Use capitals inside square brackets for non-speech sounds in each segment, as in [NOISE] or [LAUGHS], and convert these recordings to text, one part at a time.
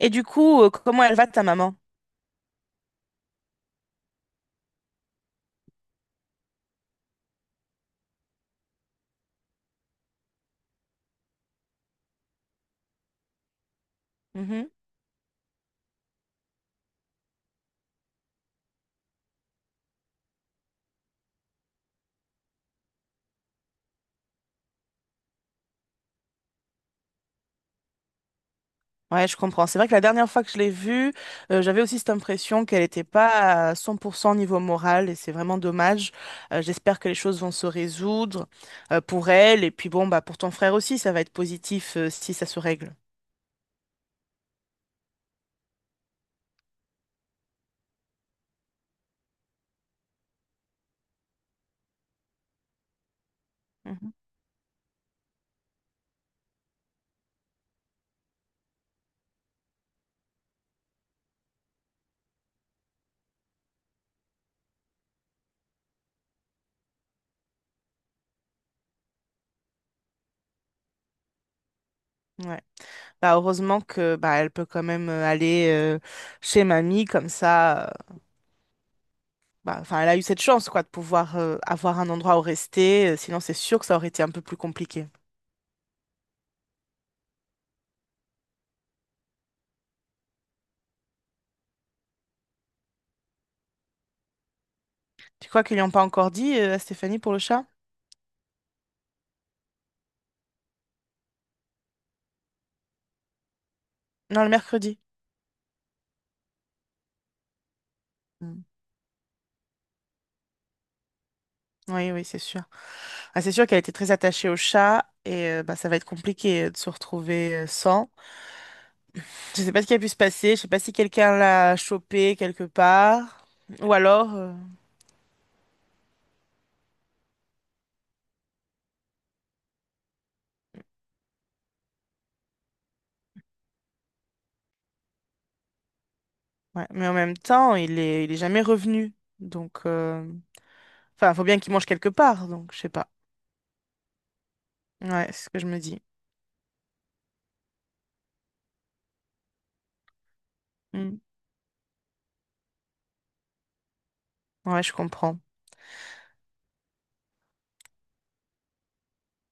Et du coup, comment elle va ta maman? Mhm. Ouais, je comprends. C'est vrai que la dernière fois que je l'ai vue, j'avais aussi cette impression qu'elle n'était pas à 100% niveau moral et c'est vraiment dommage. J'espère que les choses vont se résoudre pour elle et puis bon, bah, pour ton frère aussi, ça va être positif, si ça se règle. Mhm. Ouais. Bah, heureusement que bah, elle peut quand même aller chez mamie comme ça. Bah, enfin, elle a eu cette chance quoi, de pouvoir avoir un endroit où rester. Sinon, c'est sûr que ça aurait été un peu plus compliqué. Tu crois qu'ils n'ont pas encore dit à Stéphanie pour le chat? Non, le mercredi. Mm. Oui, oui, c'est sûr. Ah, c'est sûr qu'elle était très attachée au chat et bah, ça va être compliqué de se retrouver sans. Je sais pas ce qui a pu se passer. Je sais pas si quelqu'un l'a chopé quelque part ou alors... Ouais. Mais en même temps, il est jamais revenu. Donc, enfin, faut bien qu'il mange quelque part. Donc, je sais pas. Ouais, c'est ce que je me dis. Mm. Ouais, je comprends.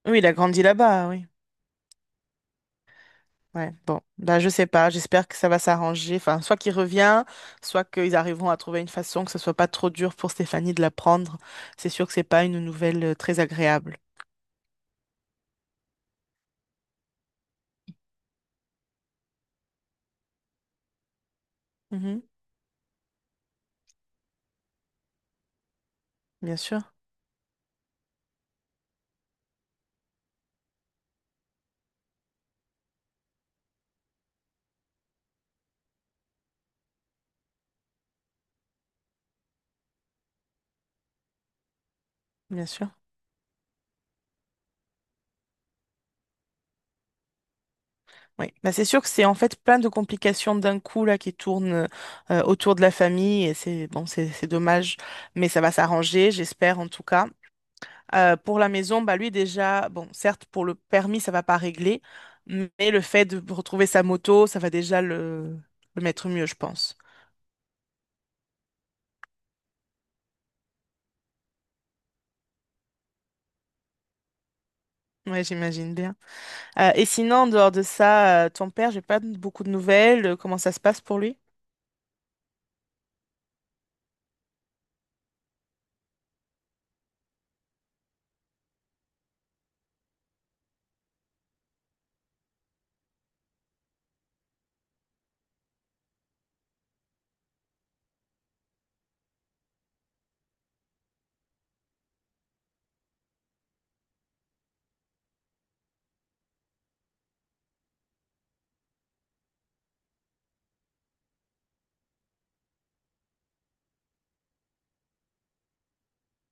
Oui, il a grandi là-bas. Oui. Ouais, bon, bah, je sais pas, j'espère que ça va s'arranger. Enfin, soit qu'il revient, soit qu'ils arriveront à trouver une façon que ce soit pas trop dur pour Stéphanie de l'apprendre. C'est sûr que c'est pas une nouvelle très agréable. Mhm, bien sûr, bien sûr. Oui, bah, c'est sûr que c'est en fait plein de complications d'un coup là qui tournent autour de la famille et c'est bon, c'est dommage, mais ça va s'arranger, j'espère en tout cas. Pour la maison, bah lui déjà, bon, certes, pour le permis, ça va pas régler, mais le fait de retrouver sa moto, ça va déjà le mettre mieux, je pense. Ouais, j'imagine bien. Et sinon, en dehors de ça, ton père, j'ai pas beaucoup de nouvelles. Comment ça se passe pour lui?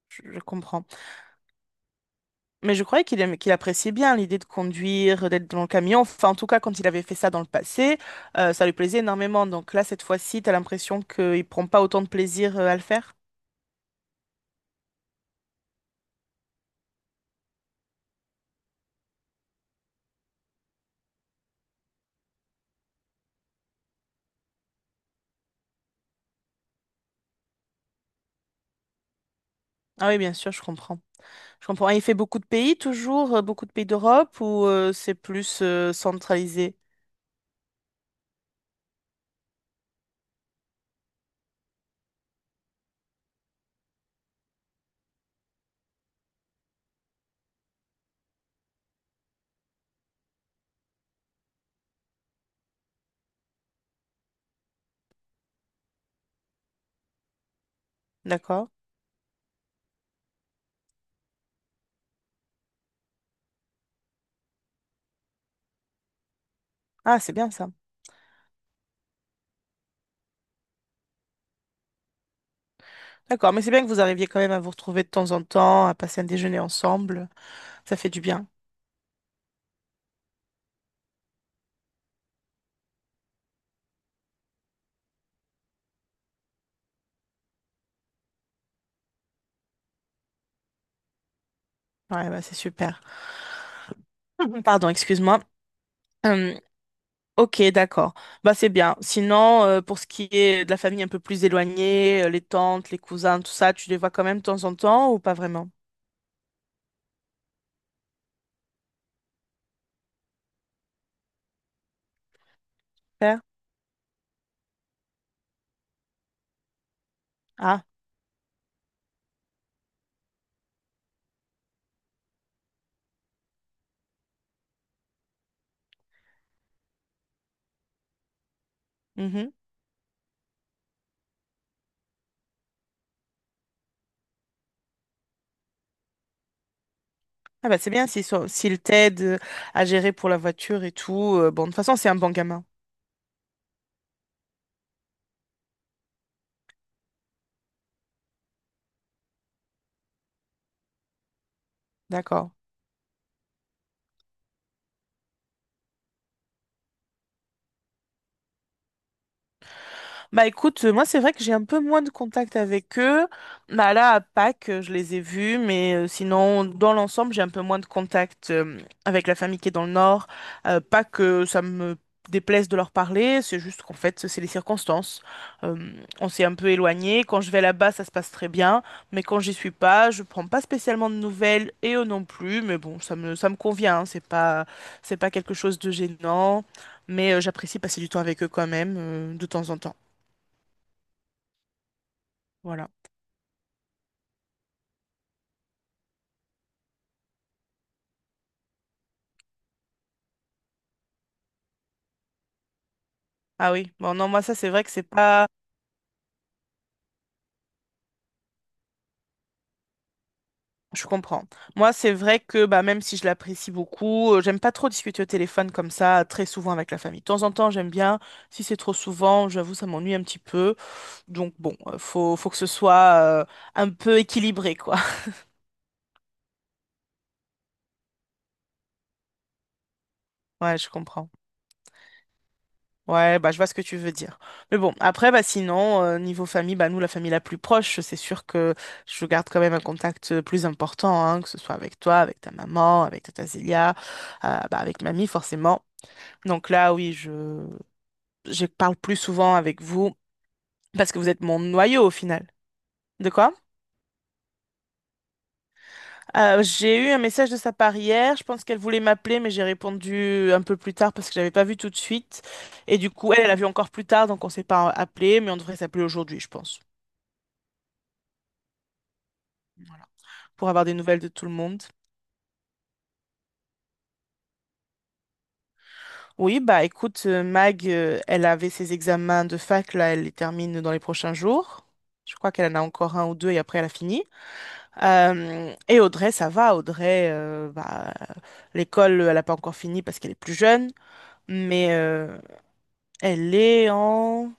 Je comprends. Mais je croyais qu'il qu'il appréciait bien l'idée de conduire, d'être dans le camion. Enfin, en tout cas, quand il avait fait ça dans le passé, ça lui plaisait énormément. Donc là, cette fois-ci, t'as l'impression qu'il prend pas autant de plaisir, à le faire? Ah oui, bien sûr, je comprends. Je comprends. Il fait beaucoup de pays toujours, beaucoup de pays d'Europe ou c'est plus centralisé? D'accord. Ah, c'est bien ça. D'accord, mais c'est bien que vous arriviez quand même à vous retrouver de temps en temps, à passer un déjeuner ensemble. Ça fait du bien. Ouais, bah, c'est super. [LAUGHS] Pardon, excuse-moi. Euh, Ok, d'accord. Bah c'est bien. Sinon, pour ce qui est de la famille un peu plus éloignée, les tantes, les cousins, tout ça, tu les vois quand même de temps en temps ou pas vraiment? Père? Ah, mhm. Ah bah c'est bien s'ils t'aident à gérer pour la voiture et tout. Bon, de toute façon, c'est un bon gamin. D'accord. Bah écoute, moi c'est vrai que j'ai un peu moins de contact avec eux. Bah là à Pâques, je les ai vus, mais sinon dans l'ensemble, j'ai un peu moins de contact avec la famille qui est dans le nord. Pas que ça me déplaise de leur parler, c'est juste qu'en fait, c'est les circonstances. Euh, on s'est un peu éloigné. Quand je vais là-bas, ça se passe très bien, mais quand j'y suis pas, je prends pas spécialement de nouvelles et eux non plus, mais bon, ça me convient, hein, c'est pas quelque chose de gênant. Mais j'apprécie passer du temps avec eux quand même, de temps en temps. Voilà. Ah oui, bon non, moi ça c'est vrai que c'est pas... Je comprends. Moi c'est vrai que bah, même si je l'apprécie beaucoup, j'aime pas trop discuter au téléphone comme ça très souvent avec la famille. De temps en temps j'aime bien, si c'est trop souvent, j'avoue ça m'ennuie un petit peu. Donc bon, faut que ce soit un peu équilibré quoi. [LAUGHS] Ouais, je comprends. Ouais, bah, je vois ce que tu veux dire. Mais bon, après, bah, sinon, niveau famille, bah, nous, la famille la plus proche, c'est sûr que je garde quand même un contact plus important, hein, que ce soit avec toi, avec ta maman, avec Tata Zélia, bah, avec mamie, forcément. Donc là, oui, je parle plus souvent avec vous parce que vous êtes mon noyau au final. De quoi? J'ai eu un message de sa part hier. Je pense qu'elle voulait m'appeler, mais j'ai répondu un peu plus tard parce que j'avais pas vu tout de suite. Et du coup, elle a vu encore plus tard, donc on s'est pas appelé, mais on devrait s'appeler aujourd'hui, je pense. Voilà. Pour avoir des nouvelles de tout le monde. Oui, bah écoute, Mag, elle avait ses examens de fac, là, elle les termine dans les prochains jours. Je crois qu'elle en a encore un ou deux et après elle a fini. Et Audrey, ça va. Audrey, bah, l'école, elle n'a pas encore fini parce qu'elle est plus jeune, mais elle est en...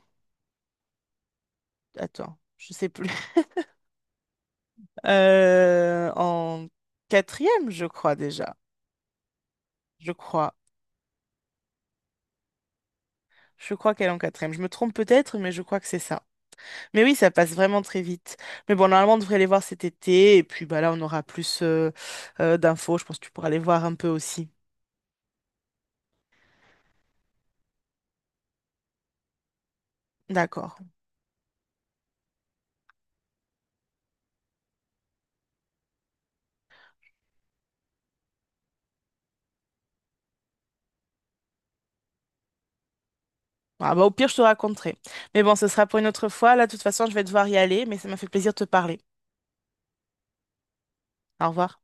Attends, je sais plus. [LAUGHS] En quatrième, je crois déjà. Je crois. Je crois qu'elle est en quatrième. Je me trompe peut-être, mais je crois que c'est ça. Mais oui, ça passe vraiment très vite. Mais bon, normalement, on devrait les voir cet été. Et puis bah, là, on aura plus d'infos. Je pense que tu pourras les voir un peu aussi. D'accord. Ah, bah, au pire, je te raconterai. Mais bon, ce sera pour une autre fois. Là, de toute façon, je vais devoir y aller. Mais ça m'a fait plaisir de te parler. Au revoir.